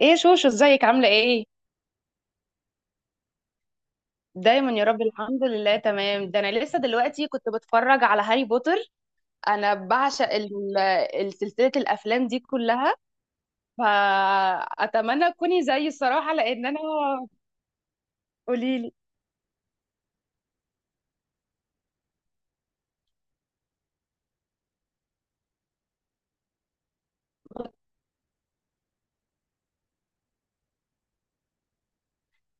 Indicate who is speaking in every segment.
Speaker 1: ايه شوشو ازيك عاملة ايه؟ دايما يا رب الحمد لله تمام. ده انا لسه دلوقتي كنت بتفرج على هاري بوتر. انا بعشق سلسلة الافلام دي كلها، فاتمنى تكوني زيي الصراحة لان انا. قوليلي.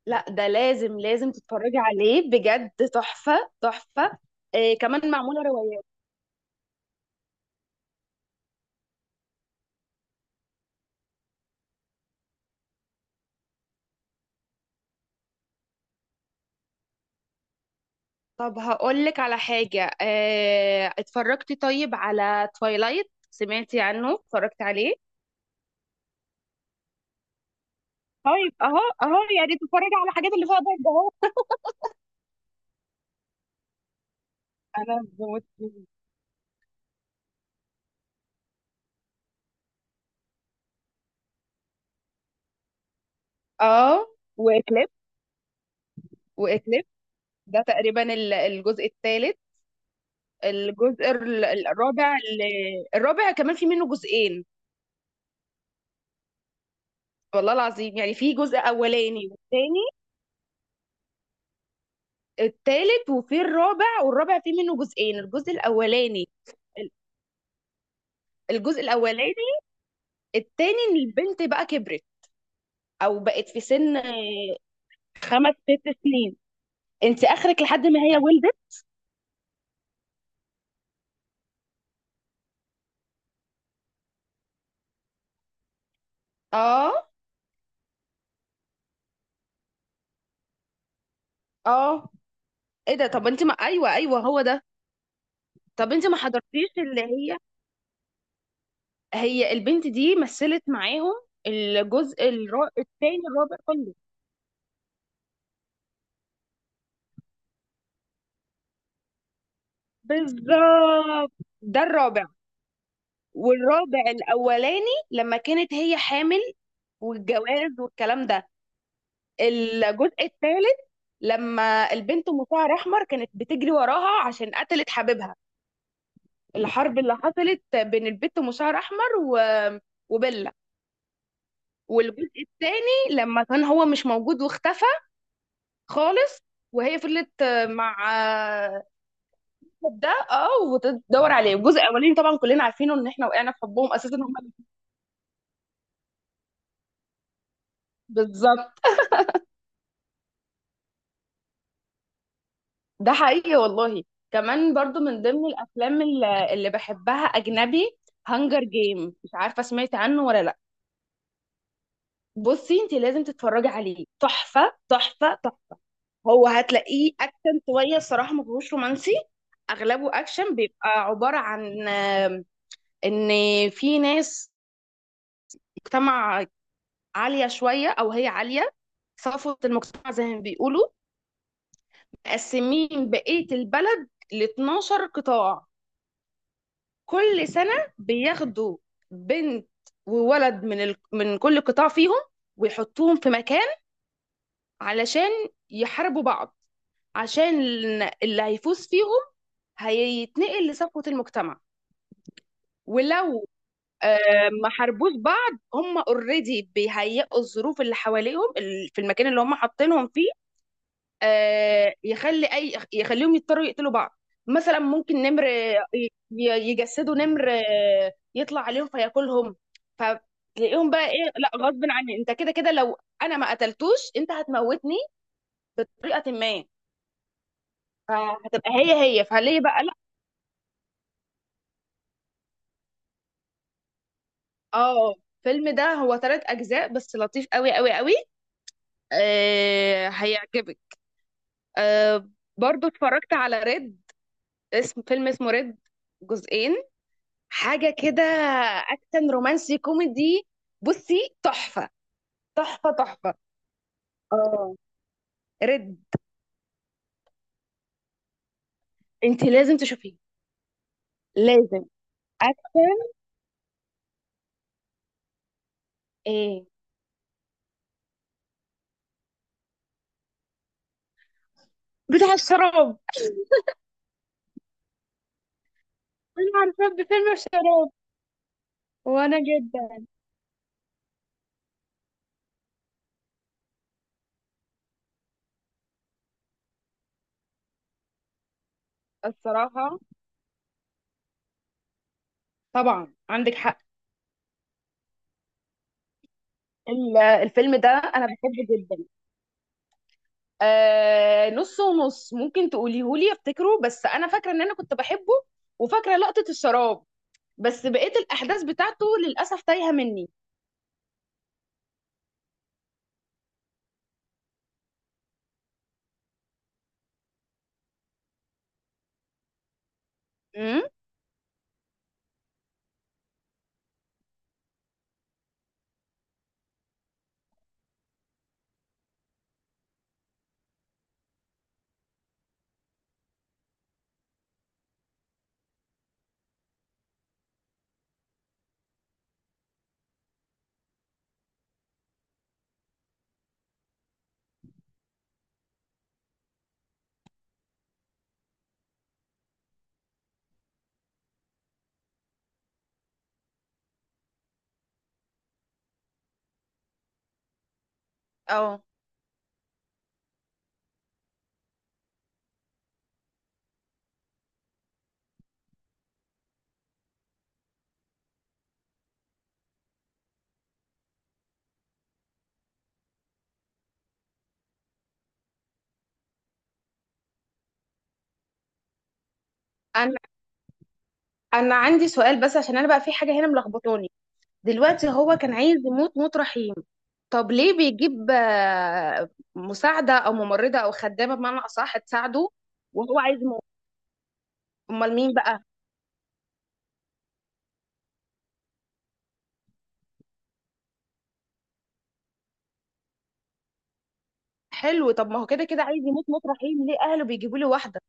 Speaker 1: لا ده لازم لازم تتفرجي عليه، بجد تحفة تحفة. إيه كمان معمولة روايات. طب هقولك على حاجة، إيه اتفرجتي طيب على تويلايت؟ سمعتي عنه؟ اتفرجتي عليه؟ طيب اهو اهو، يا ريت اتفرج على الحاجات اللي فيها ضجه اهو. انا بموت فيه. اه، واكليب، واكليب ده تقريبا الجزء الثالث. الجزء الرابع الرابع كمان في منه جزئين. والله العظيم يعني في جزء اولاني والثاني، الثالث، وفي الرابع، والرابع في منه جزئين، الجزء الاولاني، ال- الجزء الاولاني الثاني، ان البنت بقى كبرت او بقت في سن خمس ست سنين. انت اخرك لحد ما هي ولدت. اه. اه، ايه ده؟ طب انت ما ايوه ايوه هو ده. طب انت ما حضرتيش اللي هي، هي البنت دي مثلت معاهم الجزء التاني الرابع كله. بالظبط، ده الرابع. والرابع الاولاني لما كانت هي حامل والجواز والكلام ده. الجزء الثالث لما البنت مشعر احمر كانت بتجري وراها عشان قتلت حبيبها. الحرب اللي حصلت بين البنت مشعر احمر و... وبيلا. والجزء الثاني لما كان هو مش موجود واختفى خالص. وهي فضلت مع. آه، ده اه، وتدور عليه. الجزء الاولاني طبعا كلنا عارفينه، ان احنا وقعنا في حبهم اساسا هم. بالظبط. ده حقيقي والله. كمان برضو من ضمن الافلام اللي بحبها اجنبي، هانجر جيم، مش عارفه سمعت عنه ولا لا. بصي انت لازم تتفرجي عليه، تحفه تحفه تحفه. هو هتلاقيه اكشن شويه الصراحه، ما فيهوش رومانسي، اغلبه اكشن. بيبقى عباره عن ان في ناس، مجتمع عالية شوية أو هي عالية، صفوة المجتمع زي ما بيقولوا، مقسمين بقية البلد ل 12 قطاع. كل سنة بياخدوا بنت وولد من كل قطاع فيهم، ويحطوهم في مكان علشان يحاربوا بعض، عشان اللي هيفوز فيهم هيتنقل لصفوة المجتمع. ولو آه، ما حاربوش بعض، هم اوريدي بيهيئوا الظروف اللي حواليهم في المكان اللي هم حاطينهم فيه، يخلي اي يخليهم يضطروا يقتلوا بعض. مثلا ممكن نمر يجسدوا نمر يطلع عليهم فياكلهم. فتلاقيهم بقى ايه، لا غصب عني، انت كده كده لو انا ما قتلتوش انت هتموتني بطريقه ما. فهتبقى هي، هي فليه بقى لا. اه، الفيلم ده هو 3 اجزاء بس، لطيف قوي قوي قوي. آه هيعجبك. آه. برضو اتفرجت على ريد، اسم فيلم اسمه ريد، جزئين حاجة كده، أكشن رومانسي كوميدي. بصي تحفة تحفة تحفة. اه، رد. انت لازم تشوفيه، لازم. أكشن. ايه؟ بتاع الشراب؟ انا عارفة بفيلم الشراب. وانا جدا الصراحة. طبعا عندك حق. الفيلم ده انا بحبه جدا. آه نص ونص، ممكن تقوليهولي افتكره، بس انا فاكرة ان انا كنت بحبه، وفاكرة لقطة الشراب، بس بقيت الاحداث بتاعته للاسف تايهة مني. امم. اه. انا انا عندي سؤال بس، عشان انا بقى في حاجه هنا ملخبطاني. دلوقتي هو كان عايز يموت موت رحيم، طب ليه بيجيب مساعده او ممرضه او خدامه بمعنى اصح تساعده وهو عايز يموت؟ امال مين بقى؟ حلو، طب ما هو كده كده عايز يموت موت رحيم، ليه اهله بيجيبوا له واحده؟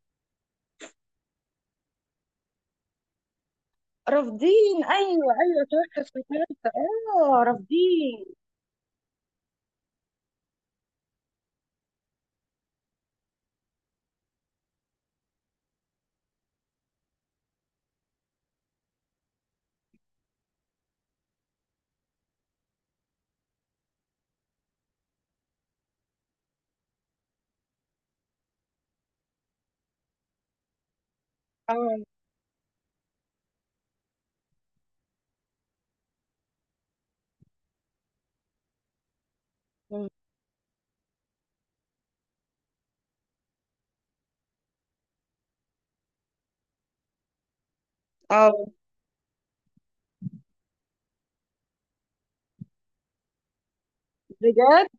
Speaker 1: رافضين، ايوه. ايوه صح افتكرت. اه رافضين. اه. م. اه. بجد.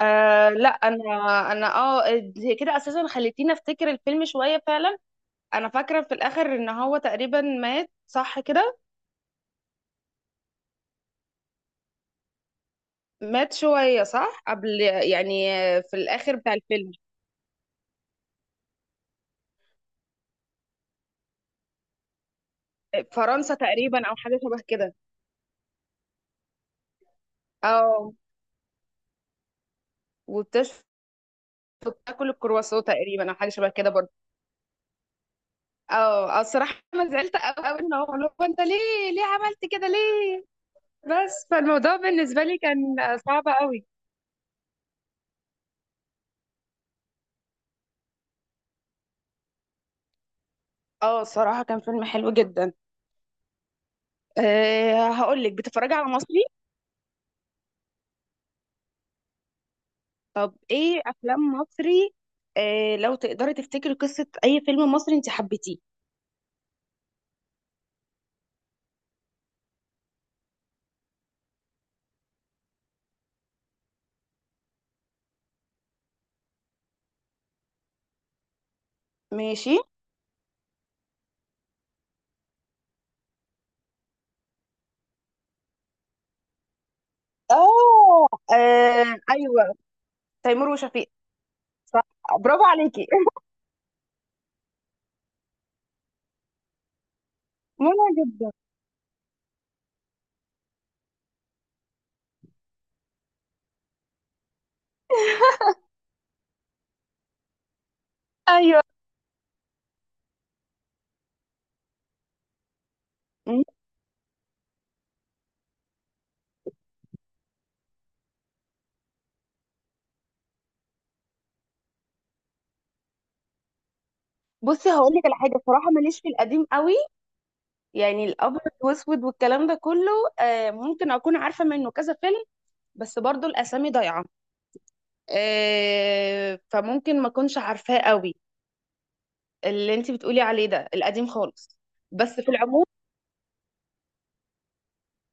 Speaker 1: آه لا انا انا اه كده اساسا خليتيني افتكر الفيلم شويه فعلا. انا فاكره في الاخر ان هو تقريبا مات، صح كده؟ مات شويه صح قبل يعني، في الاخر بتاع الفيلم. فرنسا تقريبا او حاجه شبه كده. اه، وبتشفط تاكل الكرواسون تقريبا او حاجه شبه كده برضه. اه. الصراحه انا زعلت قوي قوي، ان هو اللي هو، انت ليه ليه عملت كده ليه؟ بس فالموضوع بالنسبه لي كان صعب قوي. اه الصراحه كان فيلم حلو جدا. أه هقول لك، بتتفرجي على مصري؟ طب ايه افلام مصري؟ آه لو تقدري تفتكري قصة اي فيلم مصري انت حبيتيه. ماشي. اه. آه، ايوه. تيمور وشفيق. برافو عليكي. مهم جدا. ايوه. مم. بصي هقول لك على حاجه بصراحه، ماليش في القديم قوي، يعني الابيض واسود والكلام ده كله. آه ممكن اكون عارفه منه كذا فيلم، بس برضو الاسامي ضايعه، آه فممكن ما اكونش عارفاه قوي. اللي انت بتقولي عليه ده القديم خالص، بس في العموم.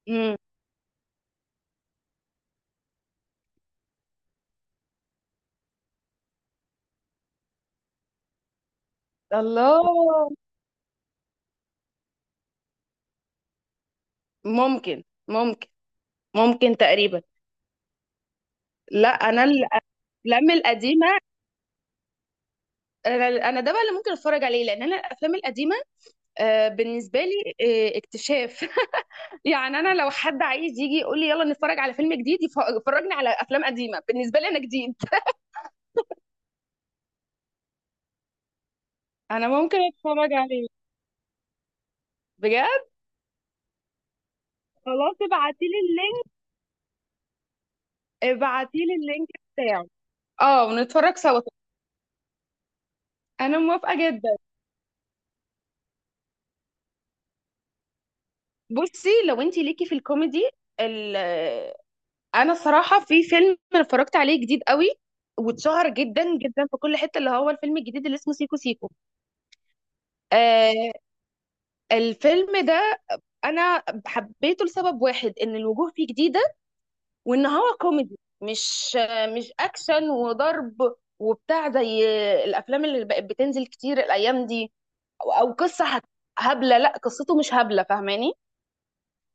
Speaker 1: مم. الله. ممكن ممكن. ممكن تقريبا. لا انا الافلام القديمه، انا أنا ده بقى اللي ممكن اتفرج عليه، لان انا الافلام القديمه بالنسبه لي اكتشاف. يعني انا لو حد عايز يجي يقول لي يلا نتفرج على فيلم جديد، يفرجني على افلام قديمه بالنسبه لي انا جديد. انا ممكن اتفرج عليه. بجد. خلاص ابعتي لي اللينك. ابعتي لي اللينك بتاعه. اه ونتفرج سوا. انا موافقه جدا. بصي لو انت ليكي في الكوميدي، انا الصراحه في فيلم اتفرجت عليه جديد قوي، واتشهر جدا جدا في كل حته، اللي هو الفيلم الجديد اللي اسمه سيكو سيكو. آه الفيلم ده انا حبيته لسبب واحد، ان الوجوه فيه جديده، وان هو كوميدي مش مش اكشن وضرب وبتاع زي الافلام اللي بقت بتنزل كتير الايام دي، او قصه هبله. لا قصته مش هبله، فاهماني؟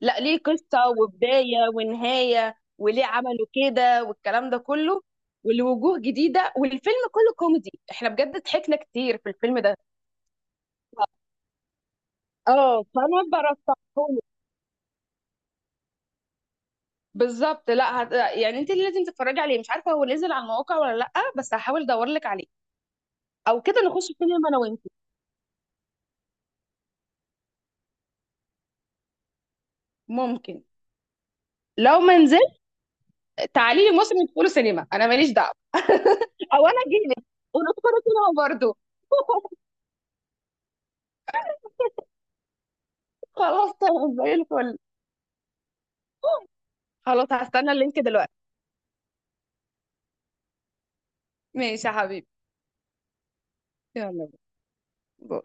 Speaker 1: لا ليه قصة وبداية ونهاية وليه عملوا كده والكلام ده كله، ولوجوه جديدة، والفيلم كله كوميدي، احنا بجد ضحكنا كتير في الفيلم ده. اه فانا برشحهولك. بالظبط، لا يعني انت اللي لازم تتفرجي عليه، مش عارفة هو نزل على المواقع ولا لا، بس هحاول ادور لك عليه، او كده نخش سينما انا وانت. ممكن. لو ما نزل تعالي لي مصر ندخله سينما، انا ماليش دعوة، او انا اجيلك وندخله سينما برضه. خلاص تمام زي الفل. خلاص هستنى اللينك دلوقتي. ماشي يا حبيبي، يلا باي.